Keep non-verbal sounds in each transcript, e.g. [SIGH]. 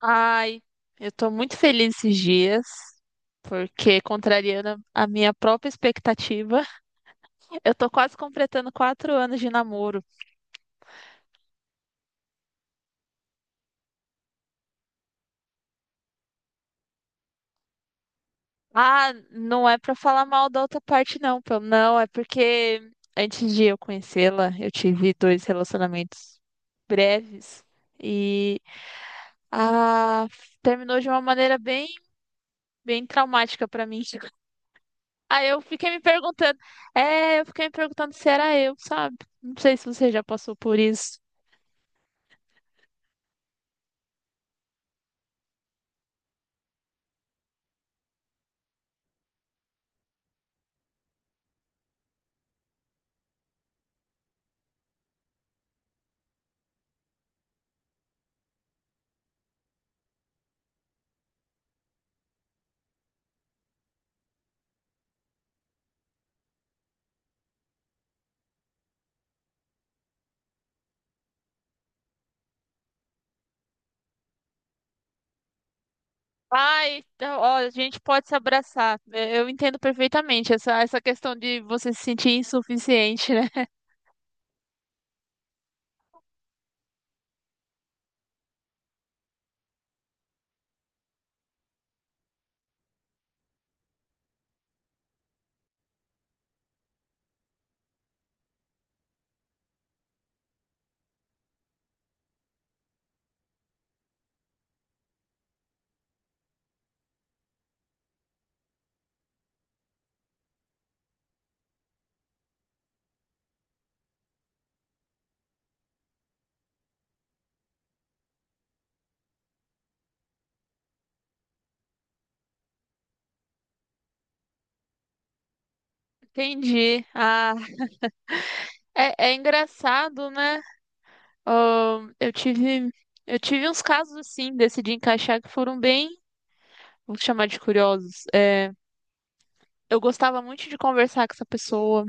Ai, eu tô muito feliz esses dias, porque contrariando a minha própria expectativa, [LAUGHS] eu tô quase completando 4 anos de namoro. Ah, não é pra falar mal da outra parte, não, pelo não, é porque antes de eu conhecê-la, eu tive dois relacionamentos breves e ah, terminou de uma maneira bem traumática pra mim. [LAUGHS] Aí eu fiquei me perguntando, eu fiquei me perguntando se era eu, sabe? Não sei se você já passou por isso. Ai, então, ó, a gente pode se abraçar. É, eu entendo perfeitamente essa questão de você se sentir insuficiente, né? [LAUGHS] Entendi. Ah, é engraçado, né? Ahn, eu tive, eu tive uns casos assim, decidi encaixar que foram bem, vou chamar de curiosos. É, eu gostava muito de conversar com essa pessoa.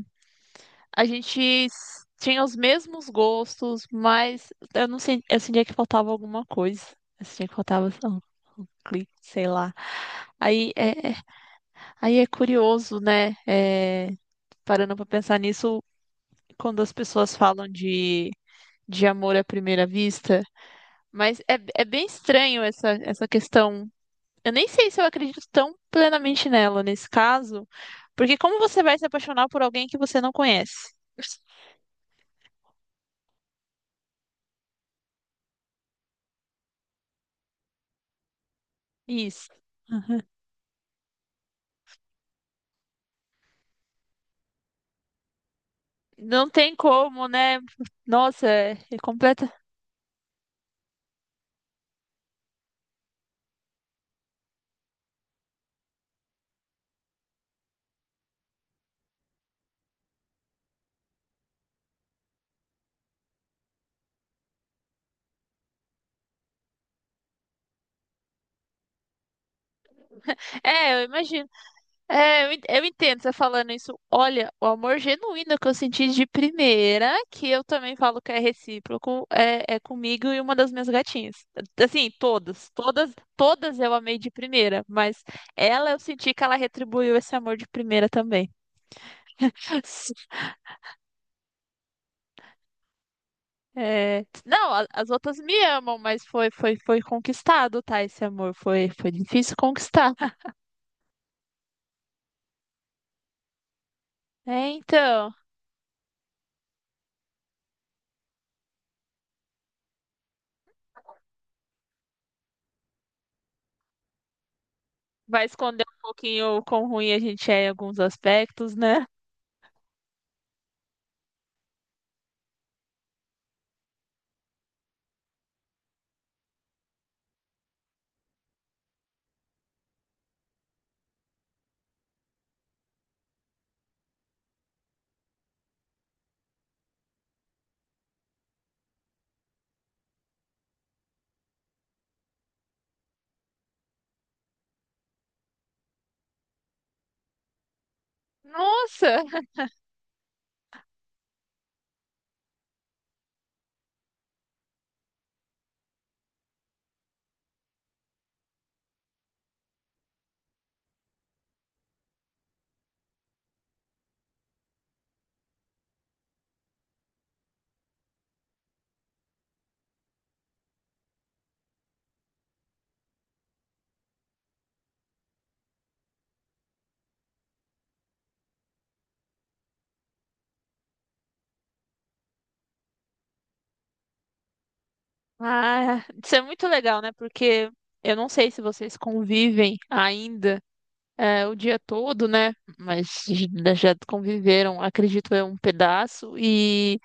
A gente tinha os mesmos gostos, mas eu não sei, eu sentia que faltava alguma coisa. Eu sentia que faltava um clique, sei lá. Aí é, é- Aí é curioso, né? É, parando pra pensar nisso, quando as pessoas falam de amor à primeira vista, mas é bem estranho essa questão. Eu nem sei se eu acredito tão plenamente nela nesse caso, porque como você vai se apaixonar por alguém que você não conhece? [LAUGHS] Isso. Não tem como, né? Nossa, é completa. É, eu imagino. É, eu entendo você falando isso. Olha, o amor genuíno que eu senti de primeira, que eu também falo que é recíproco, é comigo e uma das minhas gatinhas. Assim, todas, todas, todas eu amei de primeira, mas ela eu senti que ela retribuiu esse amor de primeira também. [LAUGHS] É, não, as outras me amam, mas foi, foi, foi conquistado, tá? Esse amor foi, foi difícil conquistar. É, então. Vai esconder um pouquinho o quão ruim a gente é em alguns aspectos, né? Nossa! Ah, isso é muito legal, né? Porque eu não sei se vocês convivem ainda é, o dia todo, né? Mas já já conviveram, acredito eu, um pedaço. E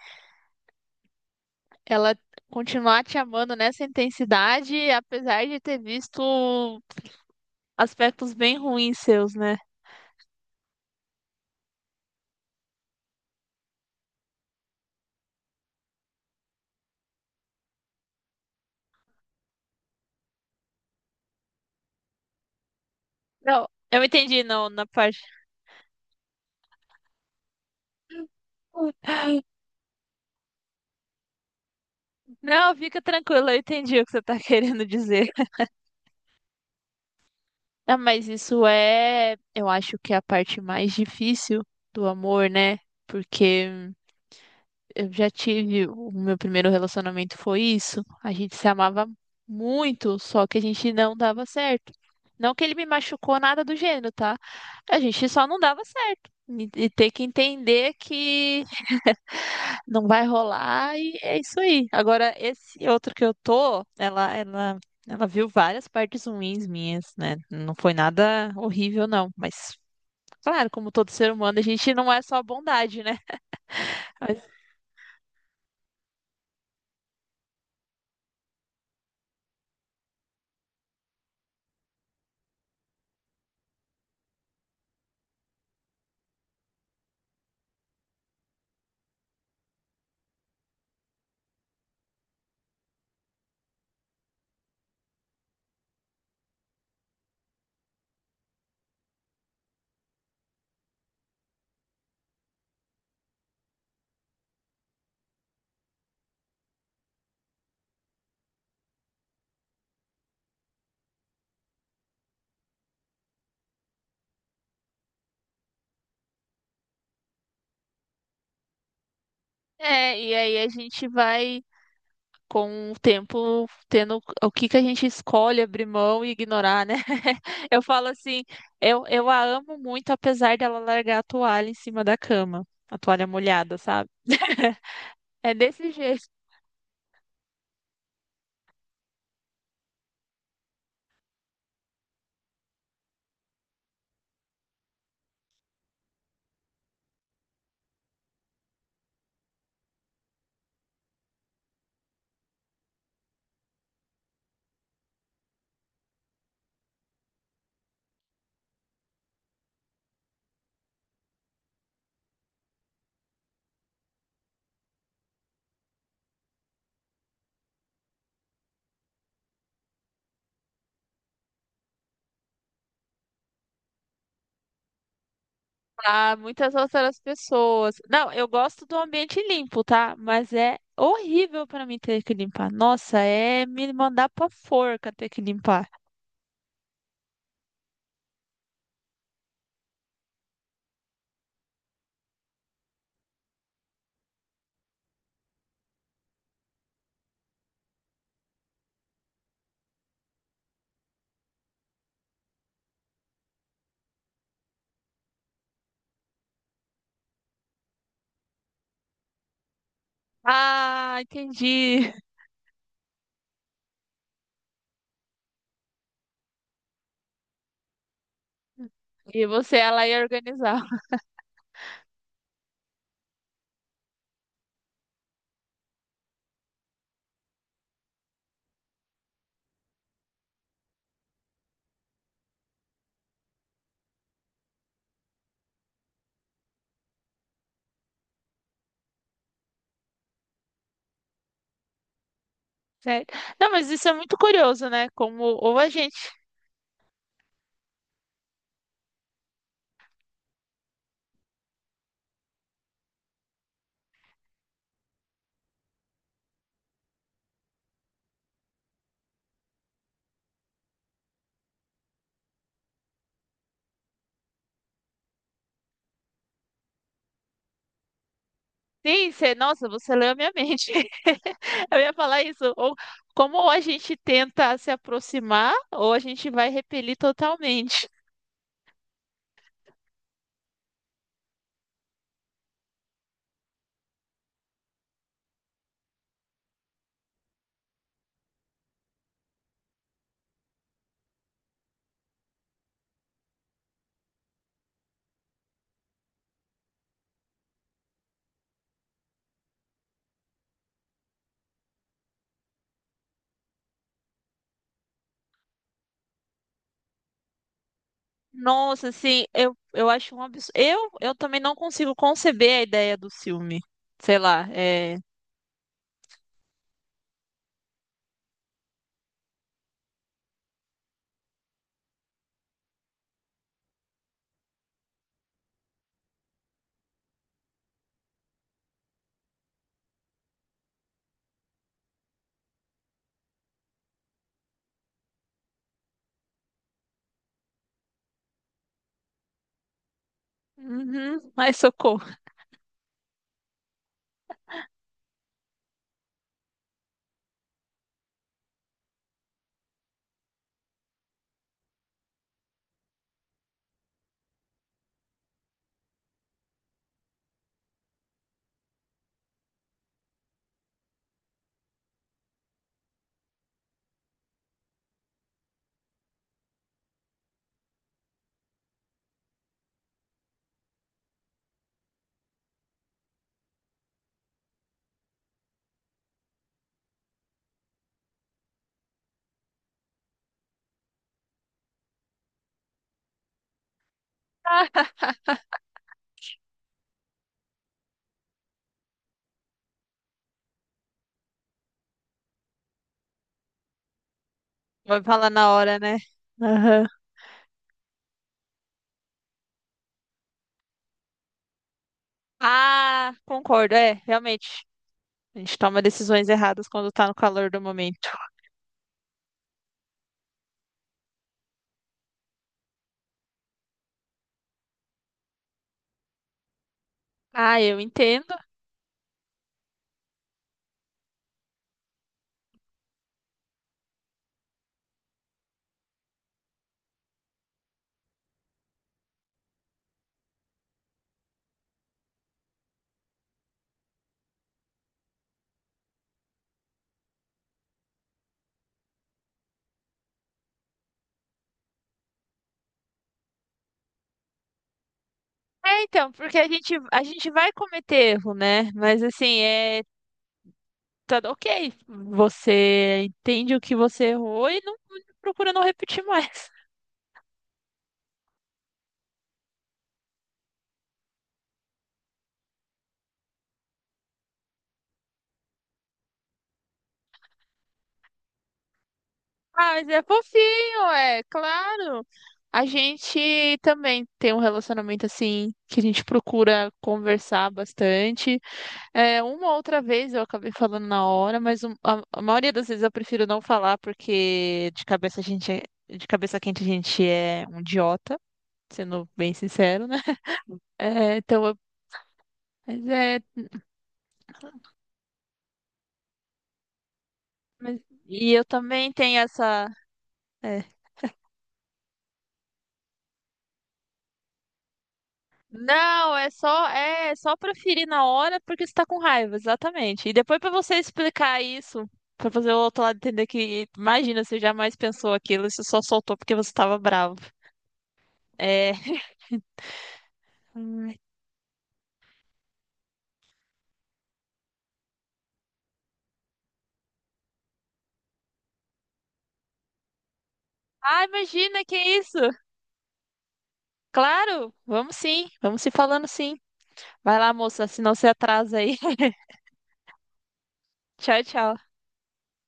ela continuar te amando nessa intensidade, apesar de ter visto aspectos bem ruins seus, né? Não, eu entendi, não, na parte. [LAUGHS] Não, fica tranquilo, eu entendi o que você tá [LAUGHS] querendo dizer. Não, mas isso é, eu acho que é a parte mais difícil do amor, né? Porque eu já tive, o meu primeiro relacionamento foi isso. A gente se amava muito, só que a gente não dava certo. Não que ele me machucou nada do gênero, tá? A gente só não dava certo. E ter que entender que não vai rolar e é isso aí. Agora, esse outro que eu tô, ela viu várias partes ruins minhas, né? Não foi nada horrível, não. Mas, claro, como todo ser humano, a gente não é só bondade, né? [LAUGHS] Mas- é, e aí a gente vai. Com o tempo, tendo o que que a gente escolhe abrir mão e ignorar, né? [LAUGHS] Eu falo assim, eu a amo muito, apesar dela largar a toalha em cima da cama, a toalha molhada, sabe? [LAUGHS] É desse jeito. A muitas outras pessoas. Não, eu gosto do ambiente limpo, tá? Mas é horrível pra mim ter que limpar. Nossa, é me mandar pra forca ter que limpar. Ah, entendi. [LAUGHS] E você, ela ia organizar. [LAUGHS] Certo? Não, mas isso é muito curioso, né? Como ou a gente. Sim, você, nossa, você leu a minha mente. [LAUGHS] Eu ia falar isso. Ou como ou a gente tenta se aproximar, ou a gente vai repelir totalmente. Nossa, assim, eu acho um absurdo. Eu também não consigo conceber a ideia do filme. Sei lá, é. Uhum, ai, socorro. [LAUGHS] Vai falar na hora, né? Aham. Ah, concordo, é, realmente. A gente toma decisões erradas quando tá no calor do momento. Ah, eu entendo. É, então, porque a gente vai cometer erro, né? Mas assim, é. Tá, ok, você entende o que você errou e não procura não repetir mais. Ah, mas é fofinho, é claro. A gente também tem um relacionamento assim que a gente procura conversar bastante. É, uma outra vez eu acabei falando na hora, mas a maioria das vezes eu prefiro não falar porque de cabeça quente a gente é um idiota, sendo bem sincero, né? [LAUGHS] É, então, eu- mas é, mas- e eu também tenho essa é, não, é só para ferir na hora porque você tá com raiva, exatamente. E depois pra você explicar isso, pra fazer o outro lado entender que, imagina, você jamais pensou aquilo, você só soltou porque você tava bravo. É. [LAUGHS] Ai, ah, imagina, que isso? Claro, vamos sim, vamos se falando sim. Vai lá, moça, senão você atrasa aí. [LAUGHS] Tchau, tchau.